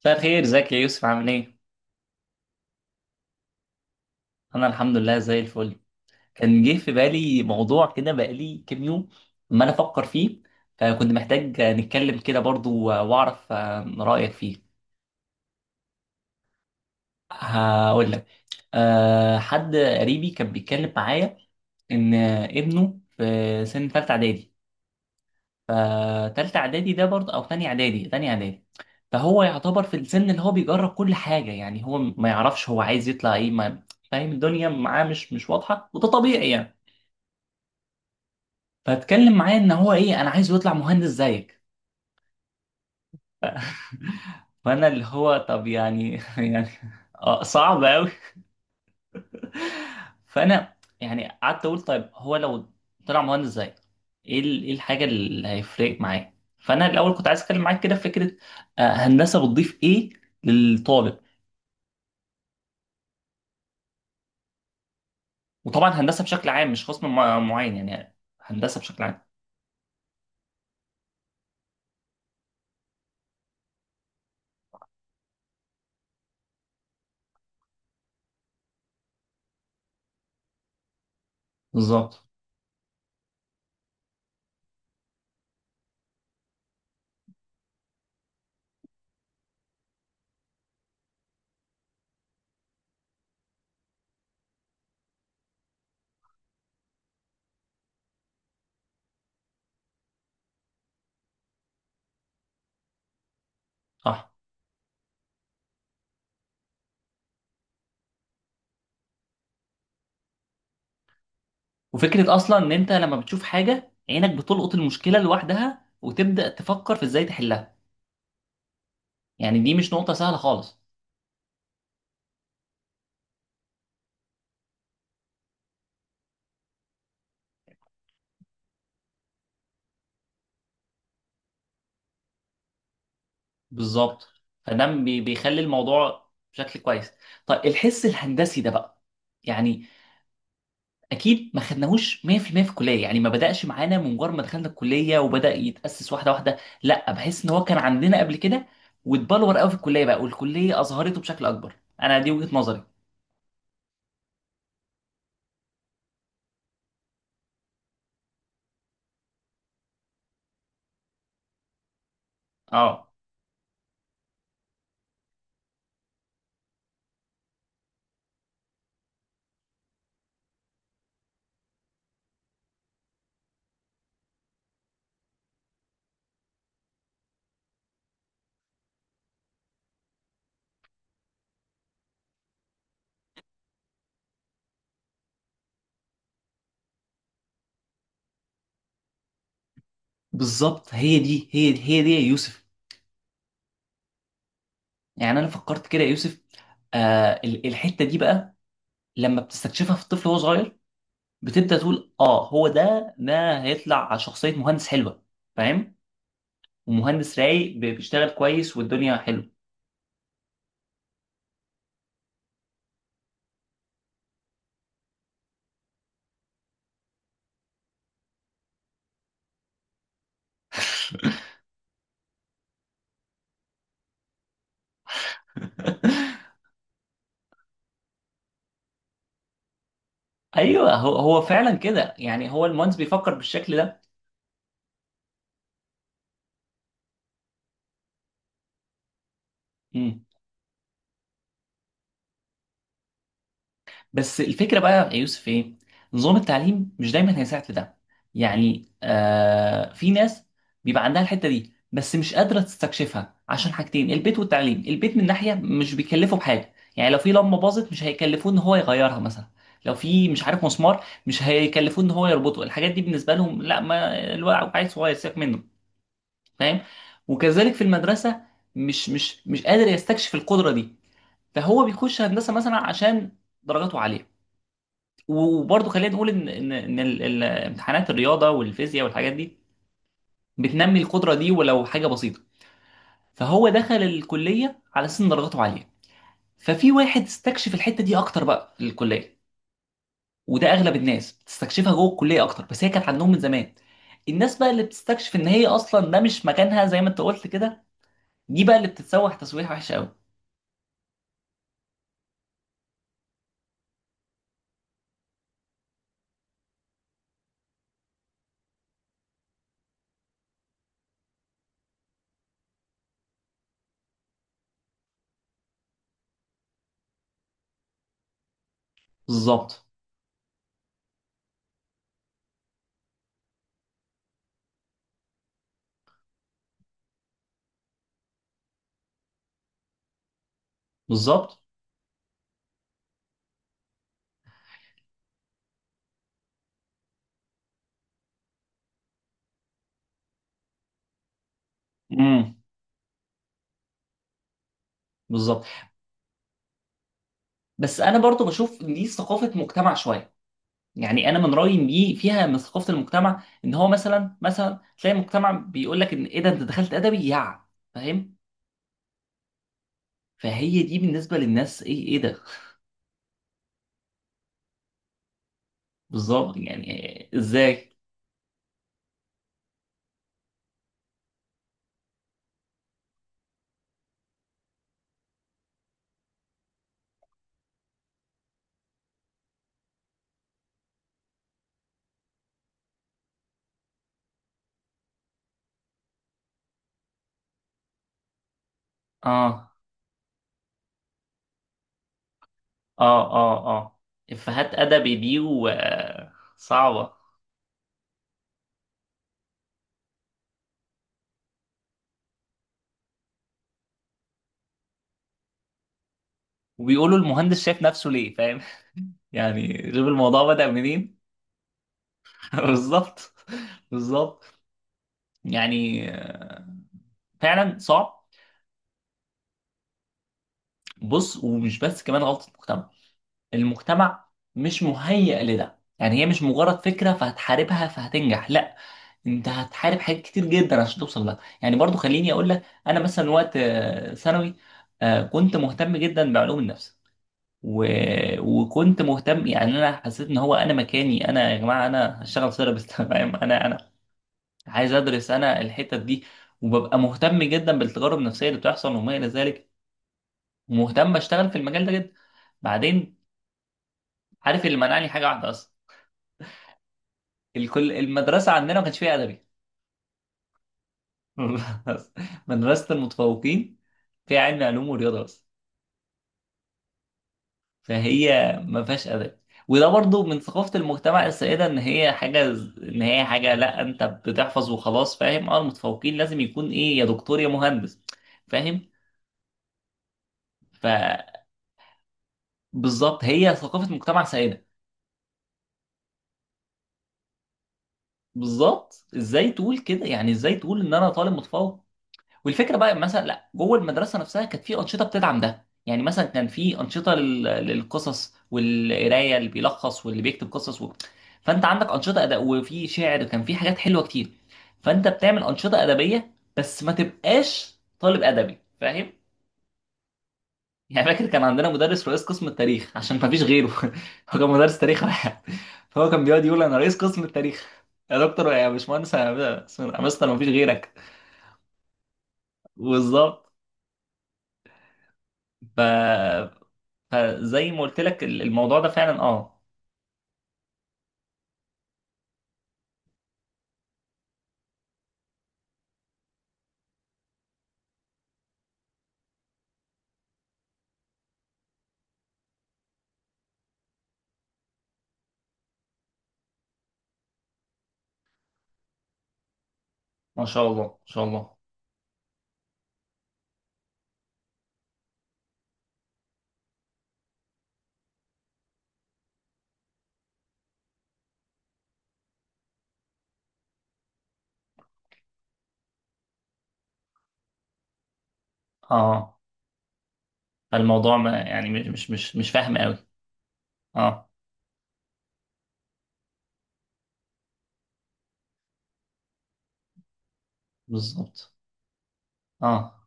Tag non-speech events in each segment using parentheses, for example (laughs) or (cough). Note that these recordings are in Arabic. مساء الخير، ازيك يا يوسف؟ عامل ايه؟ انا الحمد لله زي الفل. كان جه في بالي موضوع كده بقالي كام يوم ما انا افكر فيه. فكنت محتاج نتكلم كده برضو واعرف رأيك فيه. هقول لك. حد قريبي كان بيتكلم معايا ان ابنه في سن ثالثه اعدادي. فتالتة اعدادي ده برضه او تانية اعدادي. فهو يعتبر في السن اللي هو بيجرب كل حاجة. يعني هو ما يعرفش هو عايز يطلع ايه. ما فاهم الدنيا معاه، مش واضحة، وده طبيعي يعني. فاتكلم معايا ان هو ايه، انا عايز يطلع مهندس زيك. (laughs) فانا اللي هو طب يعني (laughs) يعني صعب قوي. فانا يعني قعدت اقول طيب هو لو طلع مهندس زيك ايه الحاجه اللي هيفرق معاه؟ فانا الاول كنت عايز اتكلم معاك كده في فكره هندسه بتضيف ايه للطالب. وطبعا هندسه بشكل عام مش قسم معين، يعني هندسه بشكل عام. بالظبط. صح. وفكره اصلا ان انت لما بتشوف حاجه عينك بتلقط المشكله لوحدها، وتبدا تفكر في ازاي تحلها. يعني دي مش نقطه سهله خالص. بالظبط. فده بيخلي الموضوع بشكل كويس. طيب الحس الهندسي ده بقى، يعني اكيد ما خدناهوش 100% في المية في الكليه، يعني ما بداش معانا من مجرد ما دخلنا الكليه وبدا يتاسس واحده واحده. لا، بحس ان هو كان عندنا قبل كده، واتبلور قوي في الكليه بقى، والكليه اظهرته بشكل اكبر. انا دي وجهه نظري. اه بالظبط، هي دي هي دي هي دي يا يوسف. يعني انا فكرت كده يا يوسف. الحته دي بقى لما بتستكشفها في الطفل وهو صغير، بتبدا تقول اه هو ده هيطلع شخصيه مهندس حلوه، فاهم؟ ومهندس رايق بيشتغل كويس والدنيا حلوه. (laughs) ايوه، هو فعلا كده، يعني هو المهندس بيفكر بالشكل ده. مم. بس الفكره بقى يا يوسف ايه، نظام التعليم مش دايما هيساعد في ده. يعني في ناس بيبقى عندها الحته دي، بس مش قادره تستكشفها عشان حاجتين: البيت والتعليم. البيت من ناحيه مش بيكلفه بحاجه، يعني لو في لمبه باظت مش هيكلفوه ان هو يغيرها مثلا. لو في مش عارف مسمار مش هيكلفوه ان هو يربطه. الحاجات دي بالنسبه لهم لا، ما الواحد عيل صغير سيبك منه. فاهم؟ وكذلك في المدرسه مش قادر يستكشف القدره دي. فهو بيخش هندسه مثلا عشان درجاته عاليه. وبرضه خلينا نقول ان امتحانات الرياضه والفيزياء والحاجات دي بتنمي القدره دي ولو حاجه بسيطه. فهو دخل الكليه على اساس ان درجاته عاليه. ففي واحد استكشف الحته دي اكتر بقى في الكليه. وده اغلب الناس بتستكشفها جوه الكليه اكتر، بس هي كانت عندهم من زمان. الناس بقى اللي بتستكشف ان هي اصلا ده مش مكانها، زي ما انت قلت كده، دي بقى اللي بتتسوح تسويح وحش قوي. بالظبط، بالظبط. امم. بالظبط. بس انا برضو بشوف إن دي ثقافه مجتمع شويه. يعني انا من رايي ان دي فيها من ثقافه المجتمع، ان هو مثلا تلاقي مجتمع بيقول لك ان ايه ده، انت دخلت ادبي يا... فاهم؟ فهي دي بالنسبه للناس، ايه ايه ده. بالظبط يعني. ازاي. اه، اه، اه، اه. افيهات ادبي دي و صعبه. وبيقولوا المهندس شايف نفسه ليه، فاهم؟ (laughs) يعني شوف الموضوع بدأ منين. (laughs) بالظبط، بالظبط. يعني فعلا صعب. بص، ومش بس كمان غلطة المجتمع. المجتمع مش مهيئ لده، يعني هي مش مجرد فكرة فهتحاربها فهتنجح. لا، انت هتحارب حاجات كتير جدا عشان توصل لها. يعني برضو خليني اقول لك، انا مثلا وقت ثانوي، كنت مهتم جدا بعلوم النفس، و... وكنت مهتم، يعني انا حسيت ان هو انا مكاني، انا يا جماعة انا هشتغل سيرابيست. (laughs) فاهم؟ انا عايز ادرس انا الحتت دي. وببقى مهتم جدا بالتجارب النفسية اللي بتحصل وما الى ذلك. ومهتم اشتغل في المجال ده جدا. بعدين، عارف اللي منعني حاجه واحده اصلا؟ الكل المدرسه عندنا ما كانش فيها ادبي. (laughs) بس. مدرسه المتفوقين فيها علم علوم ورياضه بس. فهي ما فيهاش ادب. وده برضو من ثقافه المجتمع السائده، ان هي حاجه لا انت بتحفظ وخلاص، فاهم؟ اه، المتفوقين لازم يكون ايه، يا دكتور يا مهندس. فاهم؟ فبالظبط، هي ثقافه مجتمع سائده. بالظبط، ازاي تقول كده، يعني ازاي تقول ان انا طالب متفوق؟ والفكره بقى مثلا، لا، جوه المدرسه نفسها كانت في انشطه بتدعم ده. يعني مثلا كان في انشطه للقصص والقرايه، اللي بيلخص واللي بيكتب قصص و... فانت عندك انشطه اداء وفي شعر، كان في حاجات حلوه كتير. فانت بتعمل انشطه ادبيه بس ما تبقاش طالب ادبي، فاهم؟ يعني فاكر كان عندنا مدرس رئيس قسم التاريخ عشان ما فيش غيره. (laughs) هو كان مدرس تاريخ واحد. فهو كان بيقعد يقول انا رئيس قسم التاريخ. يا دكتور، يا باشمهندس، يا مستر، ما فيش غيرك. بالظبط. ف... فزي ما قلت لك الموضوع ده فعلا اه. ما شاء الله، ما شاء الله. اه، فالموضوع ما يعني مش فاهم قوي. اه، بالظبط. اه،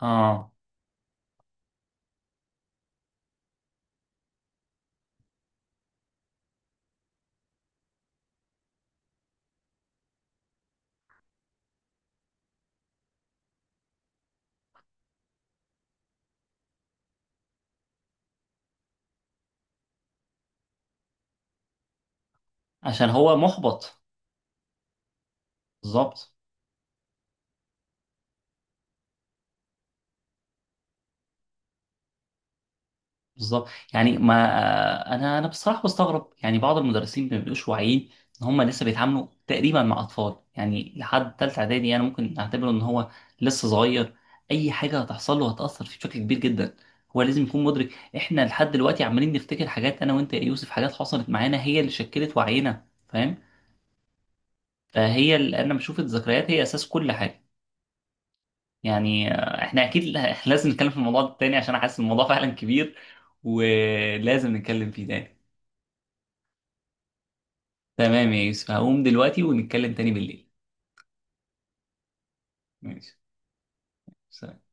اه. عشان هو محبط. بالظبط، بالظبط. يعني ما انا بصراحه بستغرب، يعني بعض المدرسين ما بيبقوش واعيين ان هم لسه بيتعاملوا تقريبا مع اطفال. يعني لحد ثالثه اعدادي انا ممكن اعتبره ان هو لسه صغير، اي حاجه هتحصل له هتاثر فيه بشكل كبير جدا، هو لازم يكون مدرك. احنا لحد دلوقتي عمالين نفتكر حاجات، انا وانت يا يوسف، حاجات حصلت معانا هي اللي شكلت وعينا، فاهم؟ فهي اللي انا بشوف الذكريات هي اساس كل حاجه. يعني احنا اكيد (laughs) لازم نتكلم في الموضوع ده تاني عشان احس الموضوع فعلا كبير، ولازم نتكلم فيه تاني. تمام يا يوسف، هقوم دلوقتي ونتكلم تاني بالليل. ماشي، سلام.